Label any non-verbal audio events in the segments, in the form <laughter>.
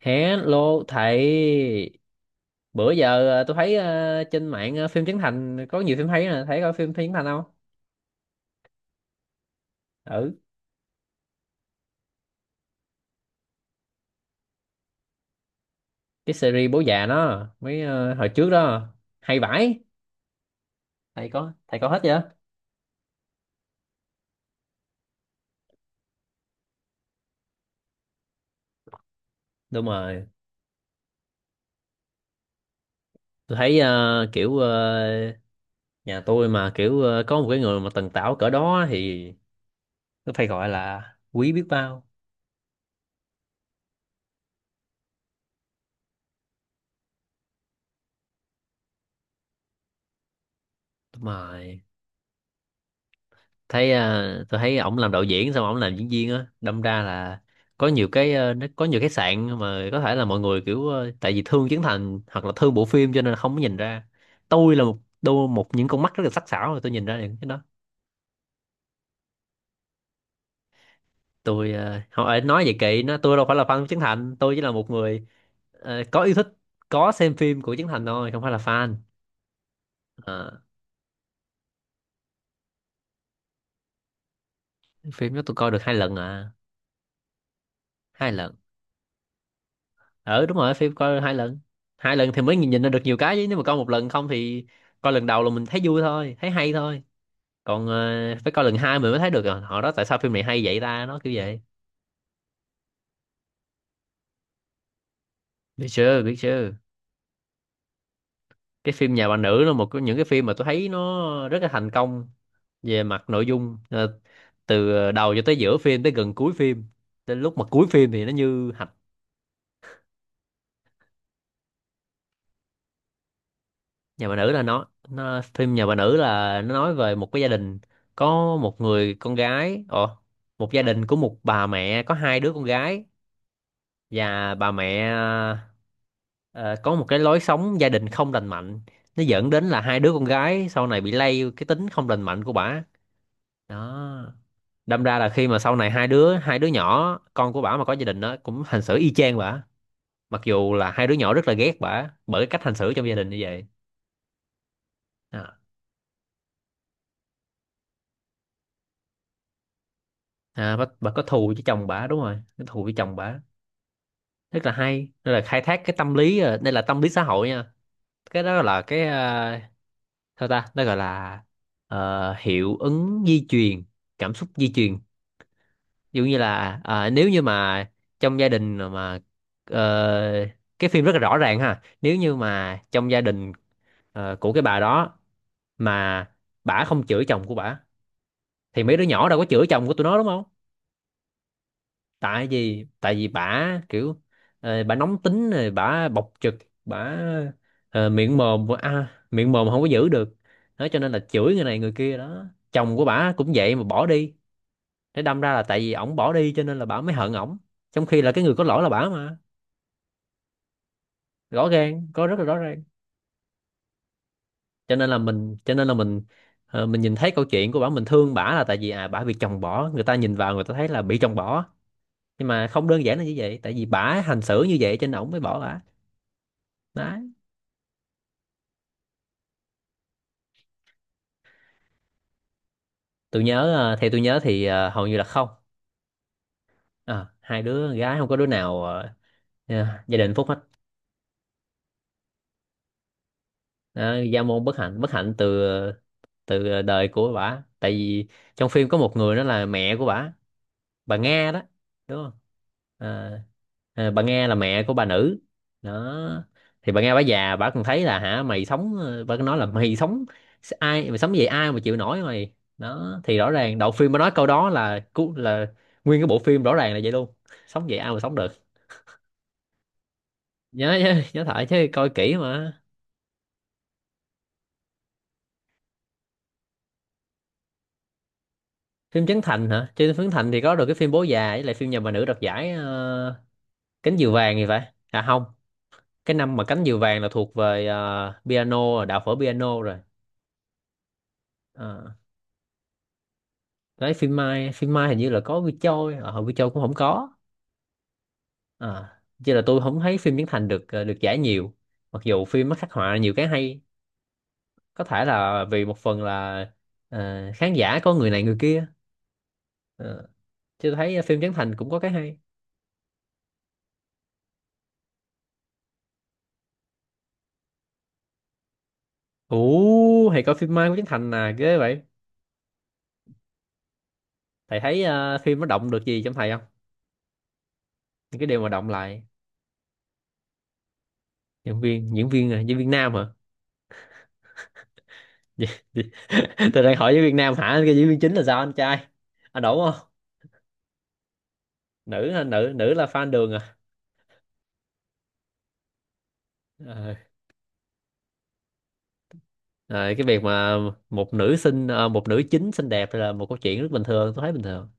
Hello thầy. Bữa giờ tôi thấy trên mạng phim Trấn Thành có nhiều phim hay nè, thấy coi phim Trấn Thành không? Ừ, cái series Bố Già nó mấy hồi trước đó hay vãi. Thầy có hết chưa? Đúng rồi. Tôi thấy kiểu nhà tôi mà kiểu có một cái người mà tần tảo cỡ đó thì tôi phải gọi là quý biết bao. Đúng rồi. Thấy tôi thấy ổng làm đạo diễn xong ổng làm diễn viên á, đâm ra là có nhiều cái nó có nhiều cái sạn mà có thể là mọi người kiểu tại vì thương Trấn Thành hoặc là thương bộ phim cho nên là không có nhìn ra. Tôi là một đôi một những con mắt rất là sắc sảo rồi, tôi nhìn ra được cái đó. Tôi không phải nói vậy kỵ nó, tôi đâu phải là fan của Trấn Thành, tôi chỉ là một người có yêu thích, có xem phim của Trấn Thành thôi, không phải là fan. Ờ. Phim đó tôi coi được hai lần à. Hai lần. Ừ, đúng rồi, phim coi hai lần. Hai lần thì mới nhìn ra được nhiều cái, chứ nếu mà coi một lần không thì coi lần đầu là mình thấy vui thôi, thấy hay thôi. Còn phải coi lần hai mình mới thấy được, à, họ đó, tại sao phim này hay vậy ta, nó kiểu vậy. Biết chưa, biết chưa. Cái phim Nhà Bà Nữ là một trong những cái phim mà tôi thấy nó rất là thành công về mặt nội dung. Ờ, từ đầu cho tới giữa phim, tới gần cuối phim, tới lúc mà cuối phim thì nó như hạch. Nhà bà nữ là nó Phim Nhà Bà Nữ là nó nói về một cái gia đình có một người con gái, ồ, một gia đình của một bà mẹ có hai đứa con gái. Và bà mẹ ờ, có một cái lối sống gia đình không lành mạnh, nó dẫn đến là hai đứa con gái sau này bị lây cái tính không lành mạnh của bà, đó. Đâm ra là khi mà sau này hai đứa nhỏ con của bà mà có gia đình đó cũng hành xử y chang bà, mặc dù là hai đứa nhỏ rất là ghét bà bởi cái cách hành xử trong gia đình như vậy. À, bà có thù với chồng bà, đúng rồi, có thù với chồng bà. Rất là hay, đây là khai thác cái tâm lý, đây là tâm lý xã hội nha. Cái đó là cái sao ta nó gọi là hiệu ứng di truyền, cảm xúc di truyền. Ví dụ như là nếu như mà trong gia đình mà ờ, cái phim rất là rõ ràng ha, nếu như mà trong gia đình của cái bà đó mà bả không chửi chồng của bả thì mấy đứa nhỏ đâu có chửi chồng của tụi nó, đúng không? Tại vì bả kiểu bả nóng tính rồi bả bộc trực, bả miệng mồm, miệng mồm không có giữ được, đó cho nên là chửi người này người kia đó. Chồng của bả cũng vậy mà bỏ đi, để đâm ra là tại vì ổng bỏ đi cho nên là bả mới hận ổng, trong khi là cái người có lỗi là bả mà. Rõ ràng có, rất là rõ ràng. Cho nên là mình mình nhìn thấy câu chuyện của bả, mình thương bả là tại vì à, bả bị chồng bỏ, người ta nhìn vào người ta thấy là bị chồng bỏ, nhưng mà không đơn giản là như vậy, tại vì bả hành xử như vậy cho nên ổng mới bỏ bả. Đó. Tôi nhớ theo tôi nhớ thì hầu như là không. À, hai đứa gái không có đứa nào gia đình hạnh phúc hết. À, gia môn bất hạnh, từ từ đời của bả. Tại vì trong phim có một người đó là mẹ của bả, bà Nga đó, đúng không? Ờ. Bà Nga là mẹ của bà Nữ đó. Thì bà Nga, bà già bà còn thấy là, hả mày sống bà cứ nói là mày <laughs> sống ai mày sống vậy, ai mà chịu nổi mày, đó thì rõ ràng đầu phim bà nói câu đó là cú, là nguyên cái bộ phim rõ ràng là vậy luôn. Sống vậy ai mà sống được. Nhớ, nhớ thoại chứ, coi kỹ mà. Phim Trấn Thành hả? Trên Trấn Thành thì có được cái phim Bố Già với lại phim Nhà Bà Nữ đoạt giải cánh diều vàng thì phải, à không. Cái năm mà cánh diều vàng là thuộc về piano rồi, Đạo Phở Piano rồi. Ờ. Đấy, phim Mai hình như là có Vi Châu, ở Vi Châu cũng không có à. Chứ là tôi không thấy phim Trấn Thành được được giải nhiều, mặc dù phim nó khắc họa nhiều cái hay. Có thể là vì một phần là khán giả có người này người kia. Ờ. Chứ tôi thấy phim Trấn Thành cũng có cái hay. Ủ, thầy coi phim Mai của Trấn Thành à, ghê vậy. Thầy thấy phim nó động được gì trong thầy không, những cái điều mà động lại. Diễn viên, diễn viên nam hả? <laughs> Tôi đang hỏi với Việt Nam hả, cái diễn viên chính là sao, anh trai, anh đủ không? Nữ hả? Nữ nữ là fan đường à. Ờ. Ờ, cái việc mà một nữ xinh một nữ chính xinh đẹp là một câu chuyện rất bình thường, tôi thấy bình thường.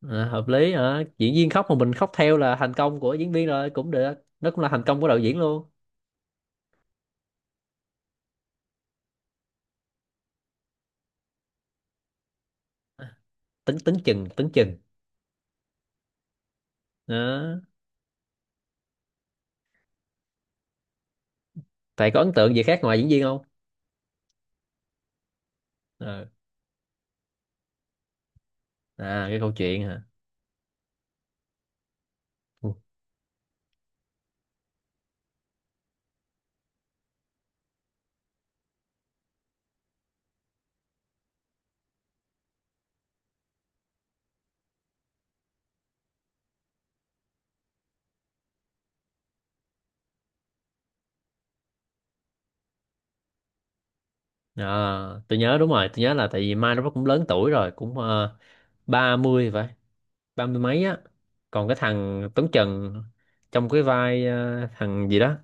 Ờ, hợp lý hả, diễn viên khóc mà mình khóc theo là thành công của diễn viên rồi, cũng được, nó cũng là thành công của đạo diễn luôn. Tính tính chừng tính chừng đó, thầy có ấn tượng gì khác ngoài diễn viên không? Ờ. À, cái câu chuyện hả? Ừ. À, tôi nhớ, đúng rồi, tôi nhớ là tại vì Mai nó cũng lớn tuổi rồi, cũng ba mươi vậy, ba mươi mấy á. Còn cái thằng Tuấn Trần trong cái vai thằng gì đó,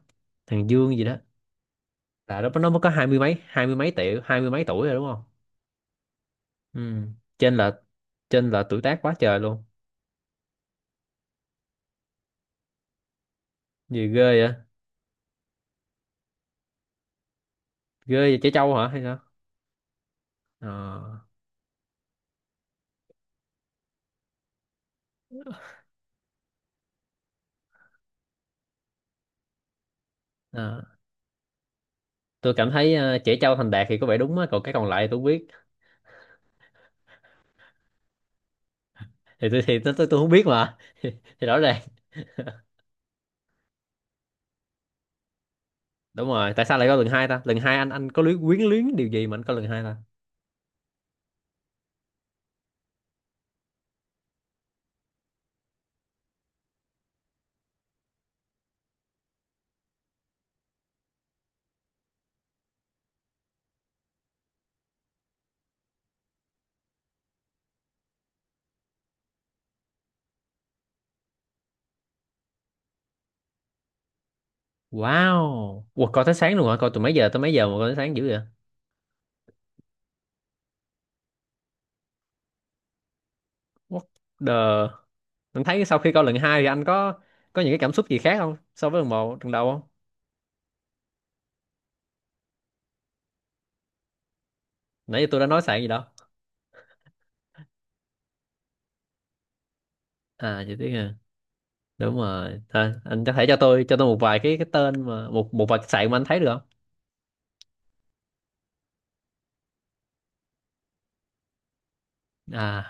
thằng Dương gì đó, là nó mới có hai mươi mấy, tuổi, hai mươi mấy tuổi rồi đúng không? Ừ. trên là trên là tuổi tác quá trời luôn. Gì ghê vậy. Ghê vậy, trẻ trâu hả hay sao? Ờ. Ờ. Tôi cảm thấy trẻ trâu thành đạt thì có vẻ đúng á, còn cái còn lại tôi không biết. Thì tôi không biết mà <laughs> thì rõ ràng. Đúng rồi, tại sao lại có lần hai ta, lần hai, anh có luyến, quyến luyến điều gì mà anh có lần hai ta? Wow, ủa, coi tới sáng luôn hả? Coi từ mấy giờ tới mấy giờ mà coi tới sáng dữ vậy? What the... Anh thấy sau khi coi lần 2 thì anh có những cái cảm xúc gì khác không? So với lần một, lần đầu không? Nãy giờ tôi đã nói sạn gì đâu. À, chị Tuyết à. Đúng rồi. Thôi, anh có thể cho tôi một vài cái tên mà một một vài cái sạn mà anh thấy được không? À,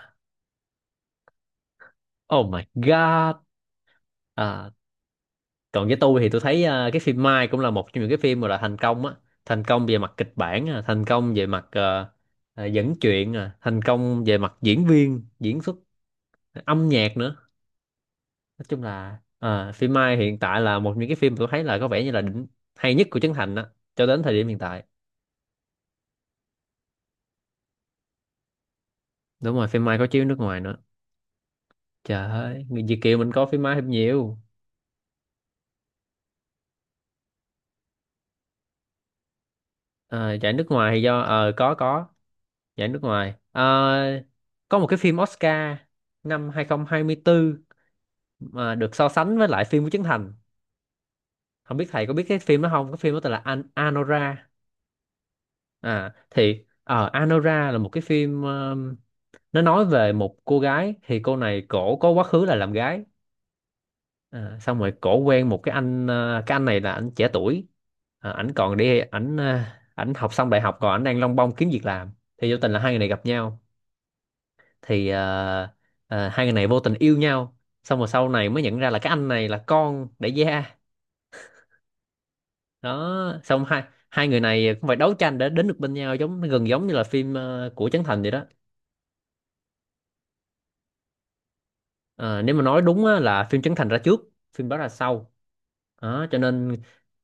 oh my god. À. Còn với tôi thì tôi thấy à, cái phim Mai cũng là một trong những cái phim mà là thành công á, thành công về mặt kịch bản, à, thành công về mặt dẫn chuyện, à, thành công về mặt diễn viên, diễn xuất, âm nhạc nữa. Nói chung là à, phim Mai hiện tại là một những cái phim mà tôi thấy là có vẻ như là đỉnh, hay nhất của Trấn Thành đó, cho đến thời điểm hiện tại. Đúng rồi, phim Mai có chiếu nước ngoài nữa. Trời ơi, người Việt kiều mình có phim Mai thêm nhiều. À, giải nước ngoài thì do có giải nước ngoài. Ờ, có một cái phim Oscar năm 2024 mà được so sánh với lại phim của Trấn Thành. Không biết thầy có biết cái phim đó không, cái phim đó tên là An Anora. À thì Anora là một cái phim nó nói về một cô gái, thì cô này cổ có quá khứ là làm gái. À, xong rồi cổ quen một cái anh, cái anh này là anh trẻ tuổi. À, ảnh học xong đại học, còn ảnh đang lông bông kiếm việc làm. Thì vô tình là hai người này gặp nhau, thì hai người này vô tình yêu nhau, xong rồi sau này mới nhận ra là cái anh này là con đại gia, đó. Xong hai hai người này cũng phải đấu tranh để đến được bên nhau, giống, gần giống như là phim của Trấn Thành vậy đó. Ờ, nếu mà nói đúng á, là phim Trấn Thành ra trước, phim đó ra sau. Đó cho nên,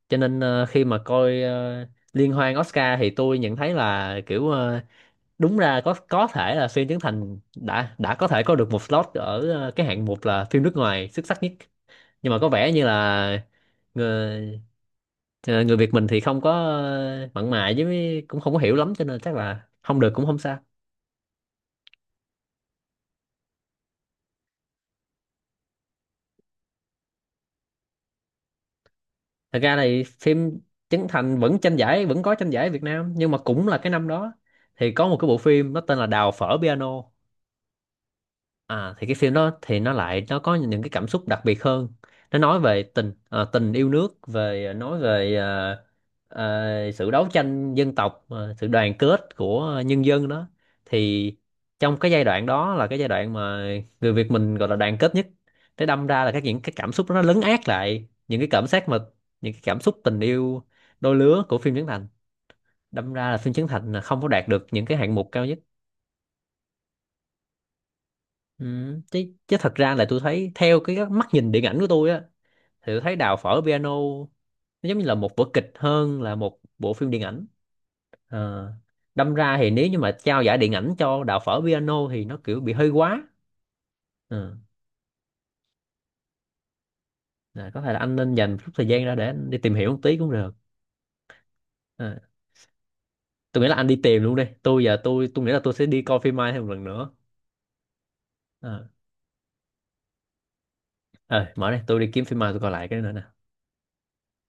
khi mà coi liên hoan Oscar thì tôi nhận thấy là kiểu đúng ra có thể là phim Trấn Thành đã có thể có được một slot ở cái hạng mục là phim nước ngoài xuất sắc nhất. Nhưng mà có vẻ như là người, người Việt mình thì không có mặn mà với mấy- cũng không có hiểu lắm, cho nên chắc là không được cũng không sao. Thật ra thì phim Trấn Thành vẫn tranh giải, vẫn có tranh giải Việt Nam, nhưng mà cũng là cái năm đó thì có một cái bộ phim nó tên là Đào Phở Piano. À, thì cái phim đó thì nó lại nó có những cái cảm xúc đặc biệt hơn. Nó nói về tình, tình yêu nước, về à, nói về sự đấu tranh dân tộc, sự đoàn kết của nhân dân đó. Thì trong cái giai đoạn đó là cái giai đoạn mà người Việt mình gọi là đoàn kết nhất. Thế đâm ra là các những cái cảm xúc đó nó lấn át lại những cái cảm giác mà những cái cảm xúc tình yêu đôi lứa của phim Trấn Thành, đâm ra là phim Trấn Thành là không có đạt được những cái hạng mục cao nhất. Ừ. chứ, chứ thật ra là tôi thấy theo cái mắt nhìn điện ảnh của tôi á, thì tôi thấy Đào Phở Piano nó giống như là một vở kịch hơn là một bộ phim điện ảnh. Ờ, đâm ra thì nếu như mà trao giải điện ảnh cho Đào Phở Piano thì nó kiểu bị hơi quá. Ờ, là có thể là anh nên dành chút thời gian ra để anh đi tìm hiểu một tí cũng được. Ờ, tôi nghĩ là anh đi tìm luôn đi. Tôi giờ tôi nghĩ là tôi sẽ đi coi phim Mai thêm một lần nữa. Ờ, ờ, mở đây tôi đi kiếm phim Mai tôi coi lại cái nữa nè.